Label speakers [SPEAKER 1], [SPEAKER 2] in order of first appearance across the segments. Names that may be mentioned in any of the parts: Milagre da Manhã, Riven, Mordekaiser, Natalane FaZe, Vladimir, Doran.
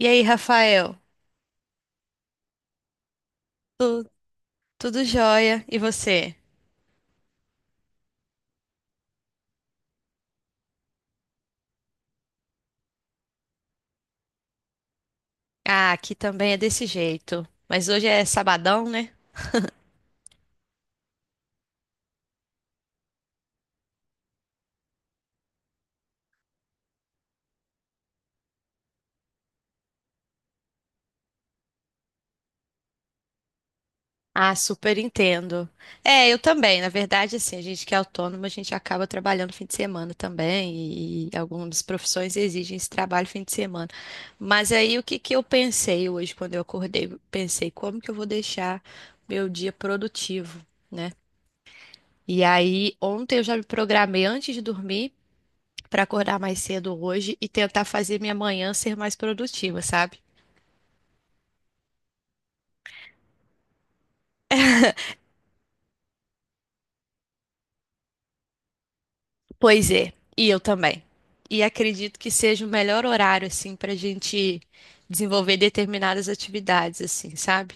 [SPEAKER 1] E aí, Rafael? Tu- Tudo jóia? E você? Ah, aqui também é desse jeito. Mas hoje é sabadão, né? Ah, super entendo. É, eu também. Na verdade, assim, a gente que é autônomo, a gente acaba trabalhando fim de semana também. E algumas profissões exigem esse trabalho fim de semana. Mas aí, o que que eu pensei hoje quando eu acordei? Pensei, como que eu vou deixar meu dia produtivo, né? E aí, ontem eu já me programei antes de dormir, para acordar mais cedo hoje e tentar fazer minha manhã ser mais produtiva, sabe? Pois é, e eu também. E acredito que seja o melhor horário, assim, para a gente desenvolver determinadas atividades, assim, sabe?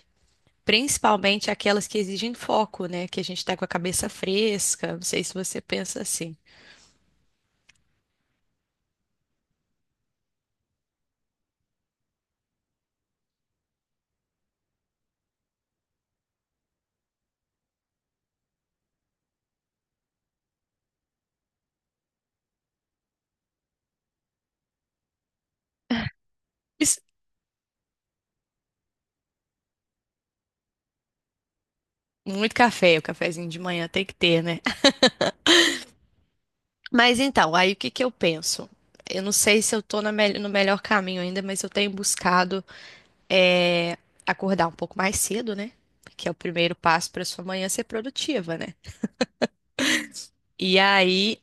[SPEAKER 1] Principalmente aquelas que exigem foco, né? Que a gente tá com a cabeça fresca. Não sei se você pensa assim. Isso- Muito café, o cafezinho de manhã tem que ter, né? Mas então, aí o que que eu penso? Eu não sei se eu tô no melhor caminho ainda, mas eu tenho buscado é acordar um pouco mais cedo, né? Que é o primeiro passo para sua manhã ser produtiva, né? E aí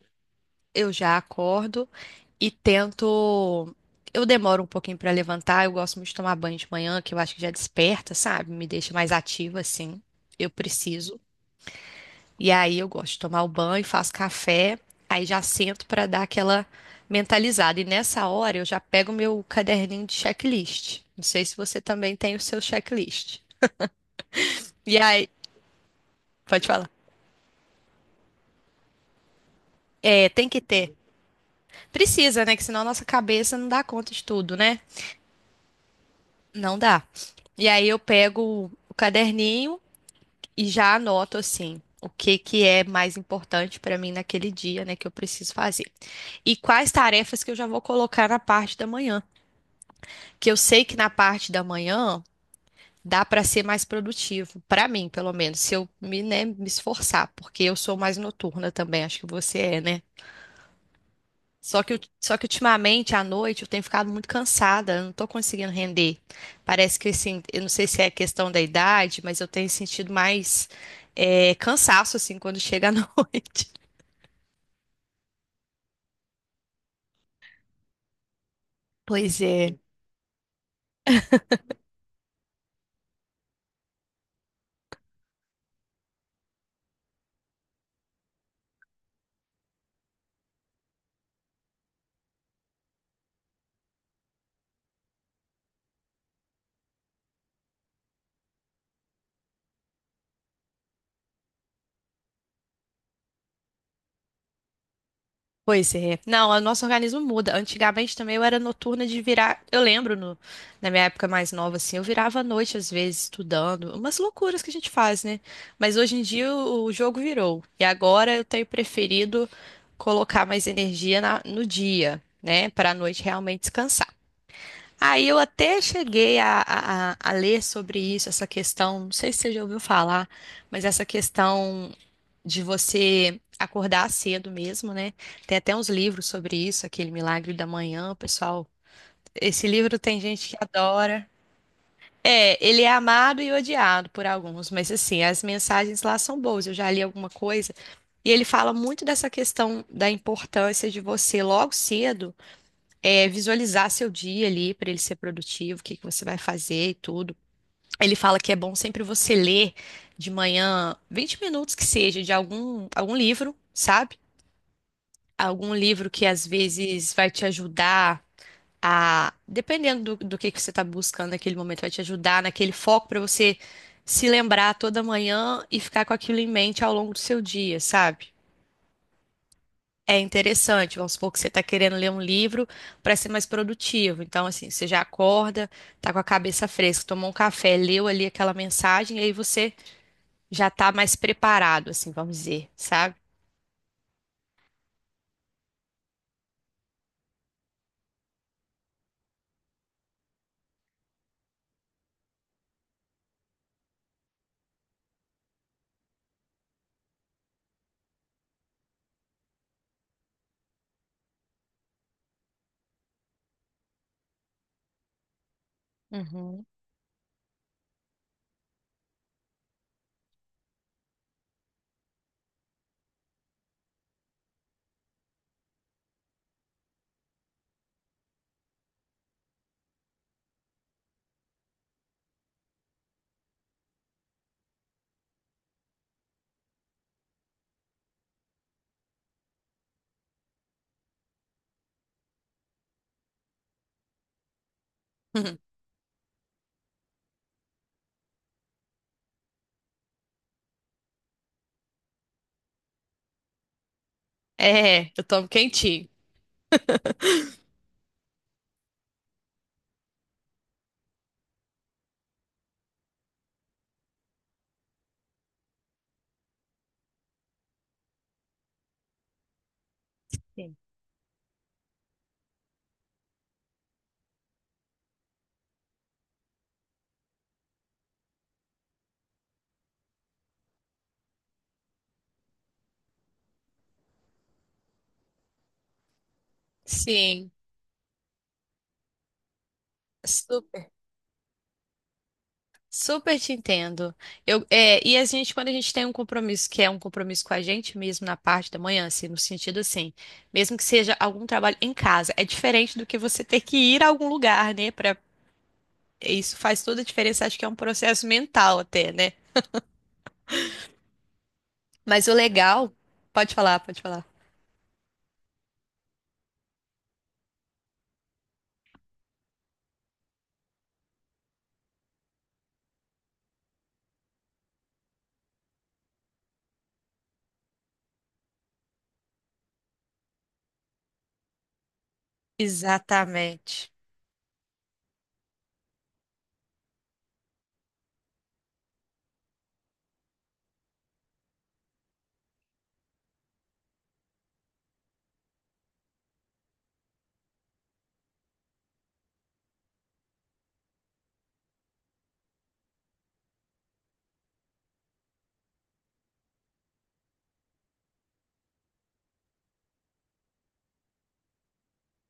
[SPEAKER 1] eu já acordo e tento. Eu demoro um pouquinho para levantar, eu gosto muito de tomar banho de manhã, que eu acho que já desperta, sabe? Me deixa mais ativa, assim. Eu preciso. E aí eu gosto de tomar o banho, faço café, aí já sento para dar aquela mentalizada. E nessa hora eu já pego meu caderninho de checklist. Não sei se você também tem o seu checklist. E aí, pode falar. É, tem que ter. Precisa, né? Que senão a nossa cabeça não dá conta de tudo, né? Não dá. E aí eu pego o caderninho e já anoto assim o que que é mais importante para mim naquele dia, né, que eu preciso fazer. E quais tarefas que eu já vou colocar na parte da manhã, que eu sei que na parte da manhã dá para ser mais produtivo, para mim, pelo menos, se eu me, né, me esforçar, porque eu sou mais noturna também, acho que você é, né? Só que, só que ultimamente, à noite, eu tenho ficado muito cansada, eu não tô conseguindo render. Parece que, assim, eu não sei se é questão da idade, mas eu tenho sentido mais cansaço, assim, quando chega à noite. Pois é. Pois é. Não, o nosso organismo muda. Antigamente também eu era noturna de virar. Eu lembro na minha época mais nova, assim, eu virava à noite, às vezes, estudando. Umas loucuras que a gente faz, né? Mas hoje em dia o jogo virou. E agora eu tenho preferido colocar mais energia no dia, né? Para a noite realmente descansar. Aí eu até cheguei a ler sobre isso, essa questão. Não sei se você já ouviu falar, mas essa questão de você acordar cedo mesmo, né? Tem até uns livros sobre isso, aquele Milagre da Manhã, pessoal. Esse livro tem gente que adora. É, ele é amado e odiado por alguns, mas assim, as mensagens lá são boas. Eu já li alguma coisa e ele fala muito dessa questão da importância de você logo cedo, visualizar seu dia ali para ele ser produtivo, o que que você vai fazer e tudo. Ele fala que é bom sempre você ler de manhã 20 minutos que seja de algum livro, sabe? Algum livro que às vezes vai te ajudar a, dependendo do que você está buscando naquele momento, vai te ajudar naquele foco para você se lembrar toda manhã e ficar com aquilo em mente ao longo do seu dia, sabe? É interessante, vamos supor que você está querendo ler um livro para ser mais produtivo. Então, assim, você já acorda, tá com a cabeça fresca, tomou um café, leu ali aquela mensagem, e aí você já tá mais preparado, assim, vamos dizer, sabe? Uhum. É, eu tomo quentinho. Sim. Sim. Super, super te entendo. Eu, e a gente, quando a gente tem um compromisso que é um compromisso com a gente mesmo na parte da manhã, assim, no sentido assim, mesmo que seja algum trabalho em casa, é diferente do que você ter que ir a algum lugar, né? Pra, isso faz toda a diferença, acho que é um processo mental até, né? Mas o legal, pode falar, pode falar. Exatamente.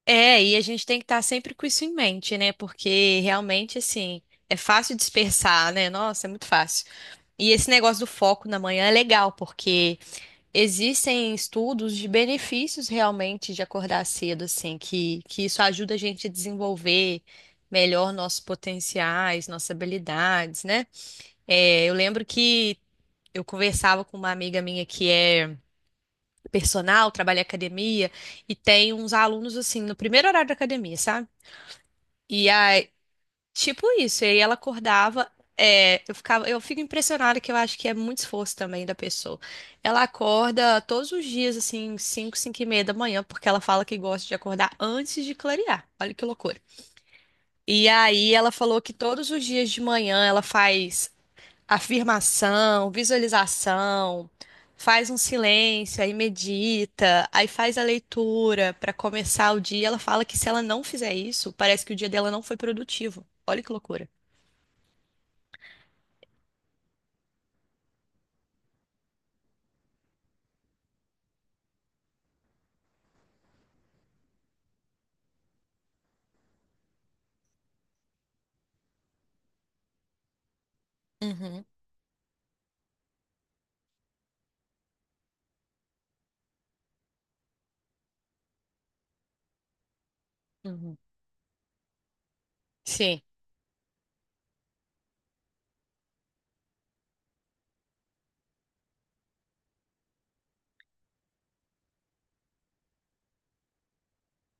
[SPEAKER 1] É, e a gente tem que estar sempre com isso em mente, né? Porque realmente, assim, é fácil dispersar, né? Nossa, é muito fácil. E esse negócio do foco na manhã é legal, porque existem estudos de benefícios realmente de acordar cedo, assim, que isso ajuda a gente a desenvolver melhor nossos potenciais, nossas habilidades, né? É, eu lembro que eu conversava com uma amiga minha que é personal, trabalha em academia, e tem uns alunos, assim, no primeiro horário da academia, sabe? E tipo isso, e aí ela acordava, é, eu ficava, eu fico impressionada que eu acho que é muito esforço também da pessoa. Ela acorda todos os dias, assim, 5, 5:30 da manhã, porque ela fala que gosta de acordar antes de clarear. Olha que loucura. E aí ela falou que todos os dias de manhã ela faz afirmação, visualização, faz um silêncio, aí medita, aí faz a leitura para começar o dia. Ela fala que se ela não fizer isso, parece que o dia dela não foi produtivo. Olha que loucura. Uhum, uhum. Sim.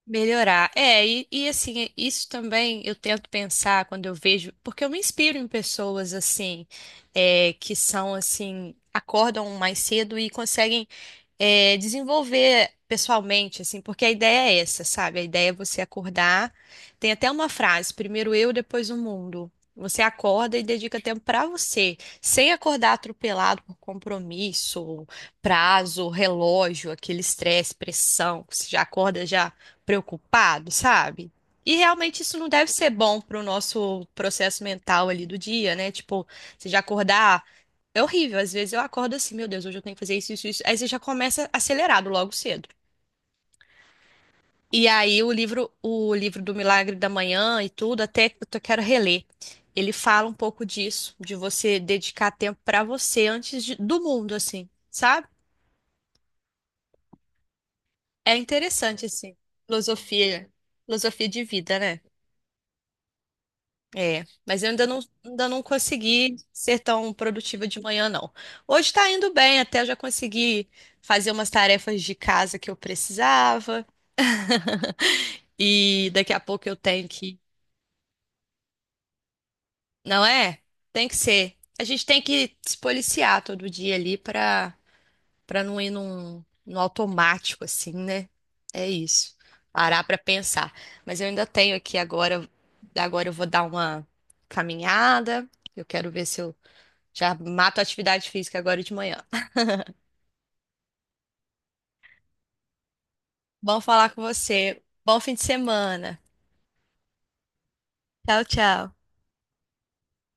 [SPEAKER 1] Melhorar. É, e assim, isso também eu tento pensar quando eu vejo, porque eu me inspiro em pessoas assim, é, que são assim, acordam mais cedo e conseguem, é, desenvolver pessoalmente, assim, porque a ideia é essa, sabe? A ideia é você acordar. Tem até uma frase, primeiro eu, depois o mundo. Você acorda e dedica tempo para você, sem acordar atropelado por compromisso, prazo, relógio, aquele estresse, pressão, que você já acorda já preocupado, sabe? E realmente isso não deve ser bom pro nosso processo mental ali do dia, né? Tipo, você já acordar. É horrível, às vezes eu acordo assim, meu Deus, hoje eu tenho que fazer isso, isso, isso. Aí você já começa acelerado logo cedo. E aí o livro do Milagre da Manhã e tudo, até que eu quero reler. Ele fala um pouco disso, de você dedicar tempo pra você antes do mundo, assim, sabe? É interessante, assim, filosofia, filosofia de vida, né? É, mas eu ainda não consegui ser tão produtiva de manhã, não. Hoje tá indo bem, até eu já consegui fazer umas tarefas de casa que eu precisava. E daqui a pouco eu tenho que. Não é? Tem que ser. A gente tem que se policiar todo dia ali pra não ir num automático, assim, né? É isso. Parar pra pensar. Mas eu ainda tenho aqui agora. Agora eu vou dar uma caminhada. Eu quero ver se eu já mato a atividade física agora de manhã. Bom falar com você. Bom fim de semana. Tchau, tchau.